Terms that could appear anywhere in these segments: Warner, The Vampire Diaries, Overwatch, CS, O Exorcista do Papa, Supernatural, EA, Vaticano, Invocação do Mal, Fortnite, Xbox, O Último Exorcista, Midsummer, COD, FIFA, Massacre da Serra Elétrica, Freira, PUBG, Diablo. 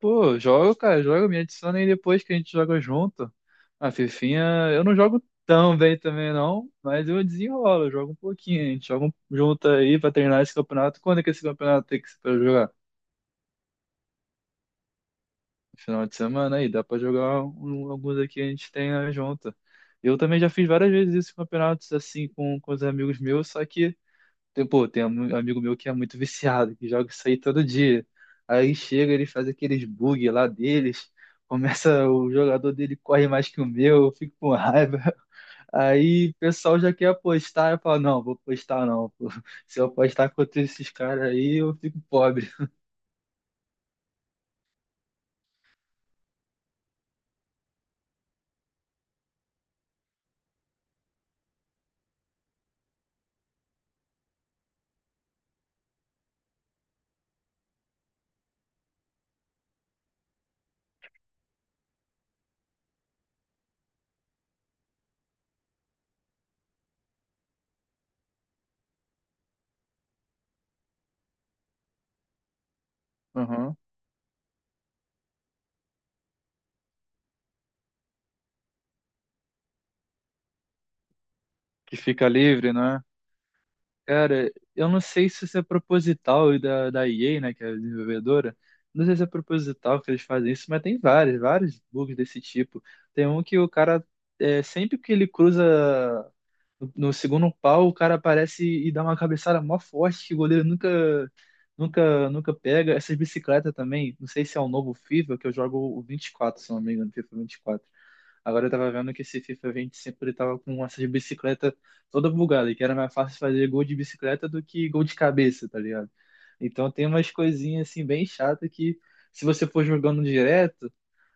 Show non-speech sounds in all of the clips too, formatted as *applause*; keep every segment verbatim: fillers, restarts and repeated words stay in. Pô, jogo, cara, joga, me adiciona aí depois que a gente joga junto. A Fifinha, eu não jogo tão bem também não, mas eu desenrolo, eu jogo um pouquinho. A gente joga um- junto aí pra treinar esse campeonato. Quando é que esse campeonato tem que ser pra jogar? Final de semana aí, dá pra jogar um- alguns aqui, a gente treina junto. Eu também já fiz várias vezes isso, campeonatos assim com, com os amigos meus, só que tem, pô, tem um amigo meu que é muito viciado, que joga isso aí todo dia. Aí chega, ele faz aqueles bug lá deles, começa, o jogador dele corre mais que o meu, eu fico com raiva. *laughs* Aí o pessoal já quer apostar, eu falo, não, vou apostar não, pô. Se eu apostar contra esses caras aí, eu fico pobre. Uhum. Que fica livre, né? Cara, eu não sei se isso é proposital da, da E A, né, que é a desenvolvedora. Não sei se é proposital que eles fazem isso, mas tem vários, vários bugs desse tipo. Tem um que o cara, é, sempre que ele cruza no, no segundo pau, o cara aparece e dá uma cabeçada mó forte que o goleiro nunca, nunca, nunca pega. Essas bicicletas também, não sei se é o novo FIFA, que eu jogo o vinte e quatro, se não me engano, FIFA vinte e quatro. Agora eu tava vendo que esse FIFA vinte e cinco ele tava com essas bicicletas toda bugada, que era mais fácil fazer gol de bicicleta do que gol de cabeça, tá ligado? Então tem umas coisinhas assim bem chata que se você for jogando direto,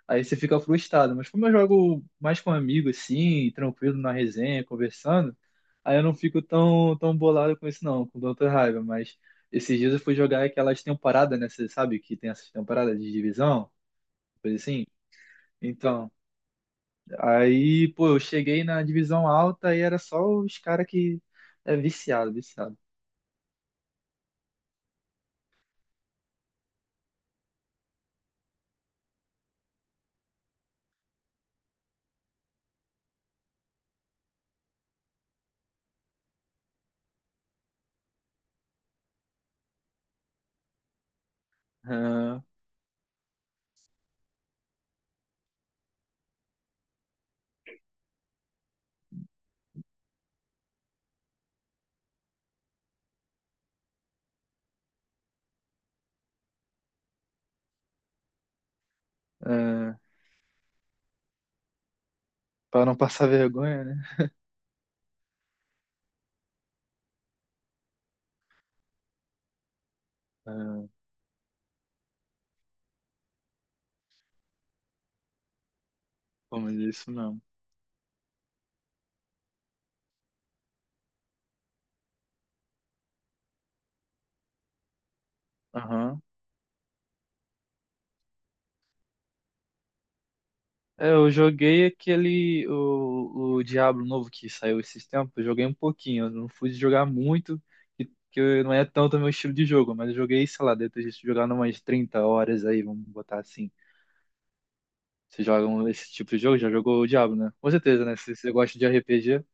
aí você fica frustrado. Mas como eu jogo mais com amigo assim, tranquilo na resenha, conversando, aí eu não fico tão tão bolado com isso não, com tanta raiva, mas esses dias eu fui jogar aquelas temporadas, né, você sabe que tem essas temporadas de divisão, coisa assim. Então, aí, pô, eu cheguei na divisão alta e era só os caras que é viciado, viciado. Ah, ah, pra não passar vergonha, né? Ah, pô, mas é isso mesmo. Aham. É, eu joguei aquele, o, o Diablo novo que saiu esses tempos, eu joguei um pouquinho, eu não fui jogar muito, que, que eu- não é tanto meu estilo de jogo, mas eu joguei, sei lá, depois de jogar umas trinta horas aí, vamos botar assim. Você joga um- esse tipo de jogo? Já jogou o Diablo, né? Com certeza, né? Se você gosta de R P G.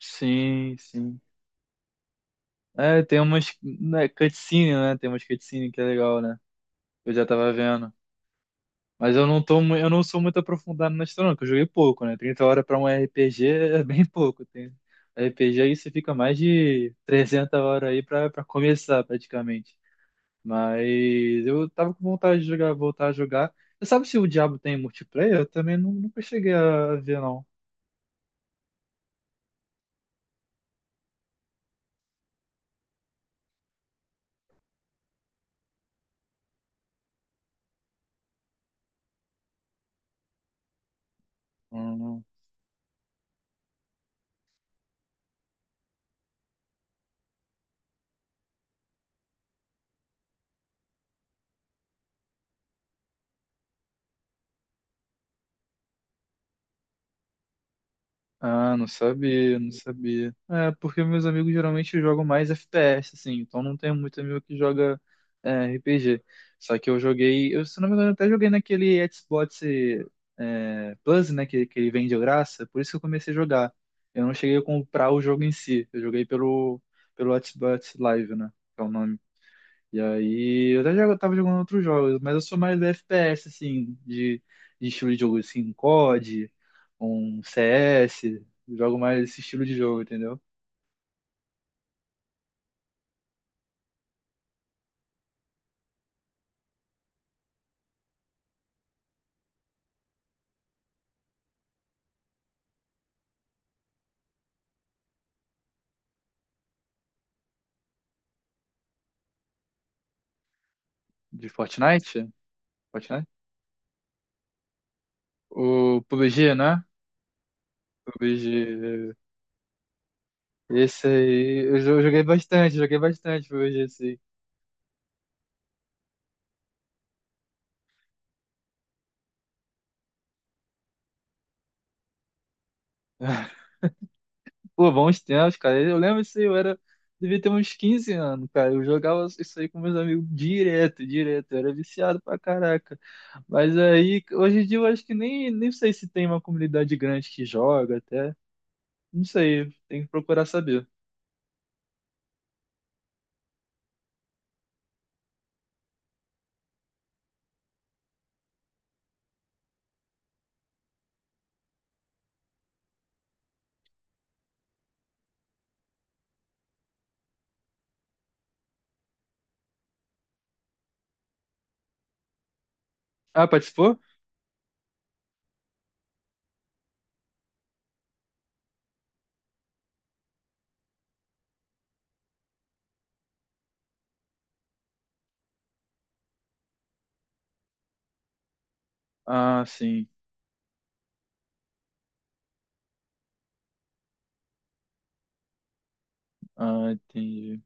Sim, sim. É, tem umas, né, cutscene, né? Tem umas cutscene que é legal, né? Eu já tava vendo. Mas eu não tô, mu- eu não sou muito aprofundado na história, não, que eu joguei pouco, né? Trinta horas pra um R P G é bem pouco. Tem R P G aí você fica mais de trezentas horas aí pra, pra começar, praticamente. Mas eu tava com vontade de jogar, voltar a jogar. Você sabe se o Diablo tem multiplayer? Eu também nu- nunca cheguei a ver, não. Ah, não sabia, não sabia. É, porque meus amigos geralmente jogam mais F P S, assim, então não tenho muito amigo que joga é, R P G. Só que eu joguei, eu, se não me engano, até joguei naquele Xbox é, Plus, né, que, que ele vem de graça, por isso que eu comecei a jogar. Eu não cheguei a comprar o jogo em si, eu joguei pelo, pelo Xbox Live, né, que é o nome. E aí, eu até já tava jogando outros jogos, mas eu sou mais do F P S, assim, de, de, estilo de jogo, assim, um C O D, um C S, jogo mais esse estilo de jogo, entendeu? De Fortnite? Fortnite? O P U B G, né? P U B G. Esse aí, eu jo- joguei bastante, joguei bastante pabéji, assim. *laughs* Pô, bons tempos, cara. Eu lembro isso aí, eu era. Devia ter uns quinze anos, cara. Eu jogava isso aí com meus amigos direto, direto. Eu era viciado pra caraca. Mas aí, hoje em dia, eu acho que nem, nem sei se tem uma comunidade grande que joga até. Não sei, tem que procurar saber. Ah, participou? Ah, sim. Ah, entendi.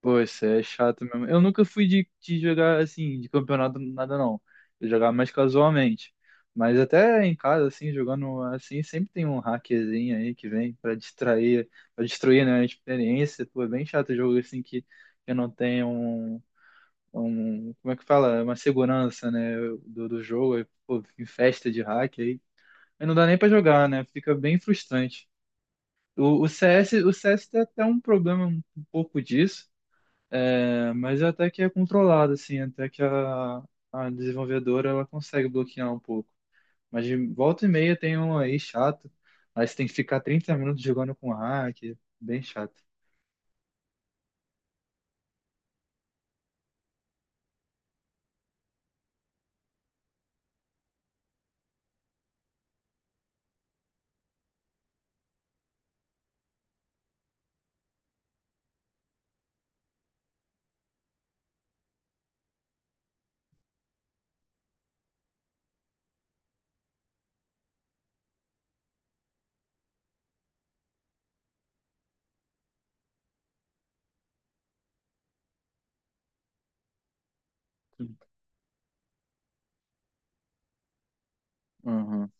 Pô, isso é chato mesmo. Eu nunca fui de, de jogar assim, de campeonato, nada não. Eu jogava mais casualmente. Mas até em casa, assim, jogando assim, sempre tem um hackerzinho aí que vem pra distrair, pra destruir, né, a experiência. Pô, é bem chato jogo assim que, que não tem um, um, como é que fala? Uma segurança, né, do, do jogo. Aí, pô, em festa de hack aí. Aí não dá nem pra jogar, né? Fica bem frustrante. O, o C S, o C S tem até um problema um pouco disso, é, mas é até que é controlado, assim, até que a, a desenvolvedora ela consegue bloquear um pouco. Mas de volta e meia tem um aí chato, aí você tem que ficar trinta minutos jogando com hack, bem chato. Uhum.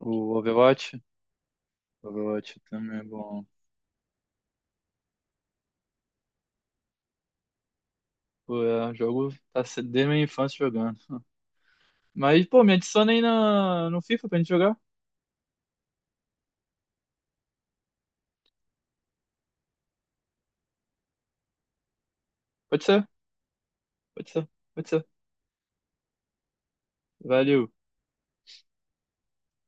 O Overwatch? Overwatch também é bom. Pô, é, o jogo tá se- desde minha infância jogando. Mas, pô, me adiciona aí na, no FIFA pra gente jogar. Pode ser, pode ser, pode ser. Valeu.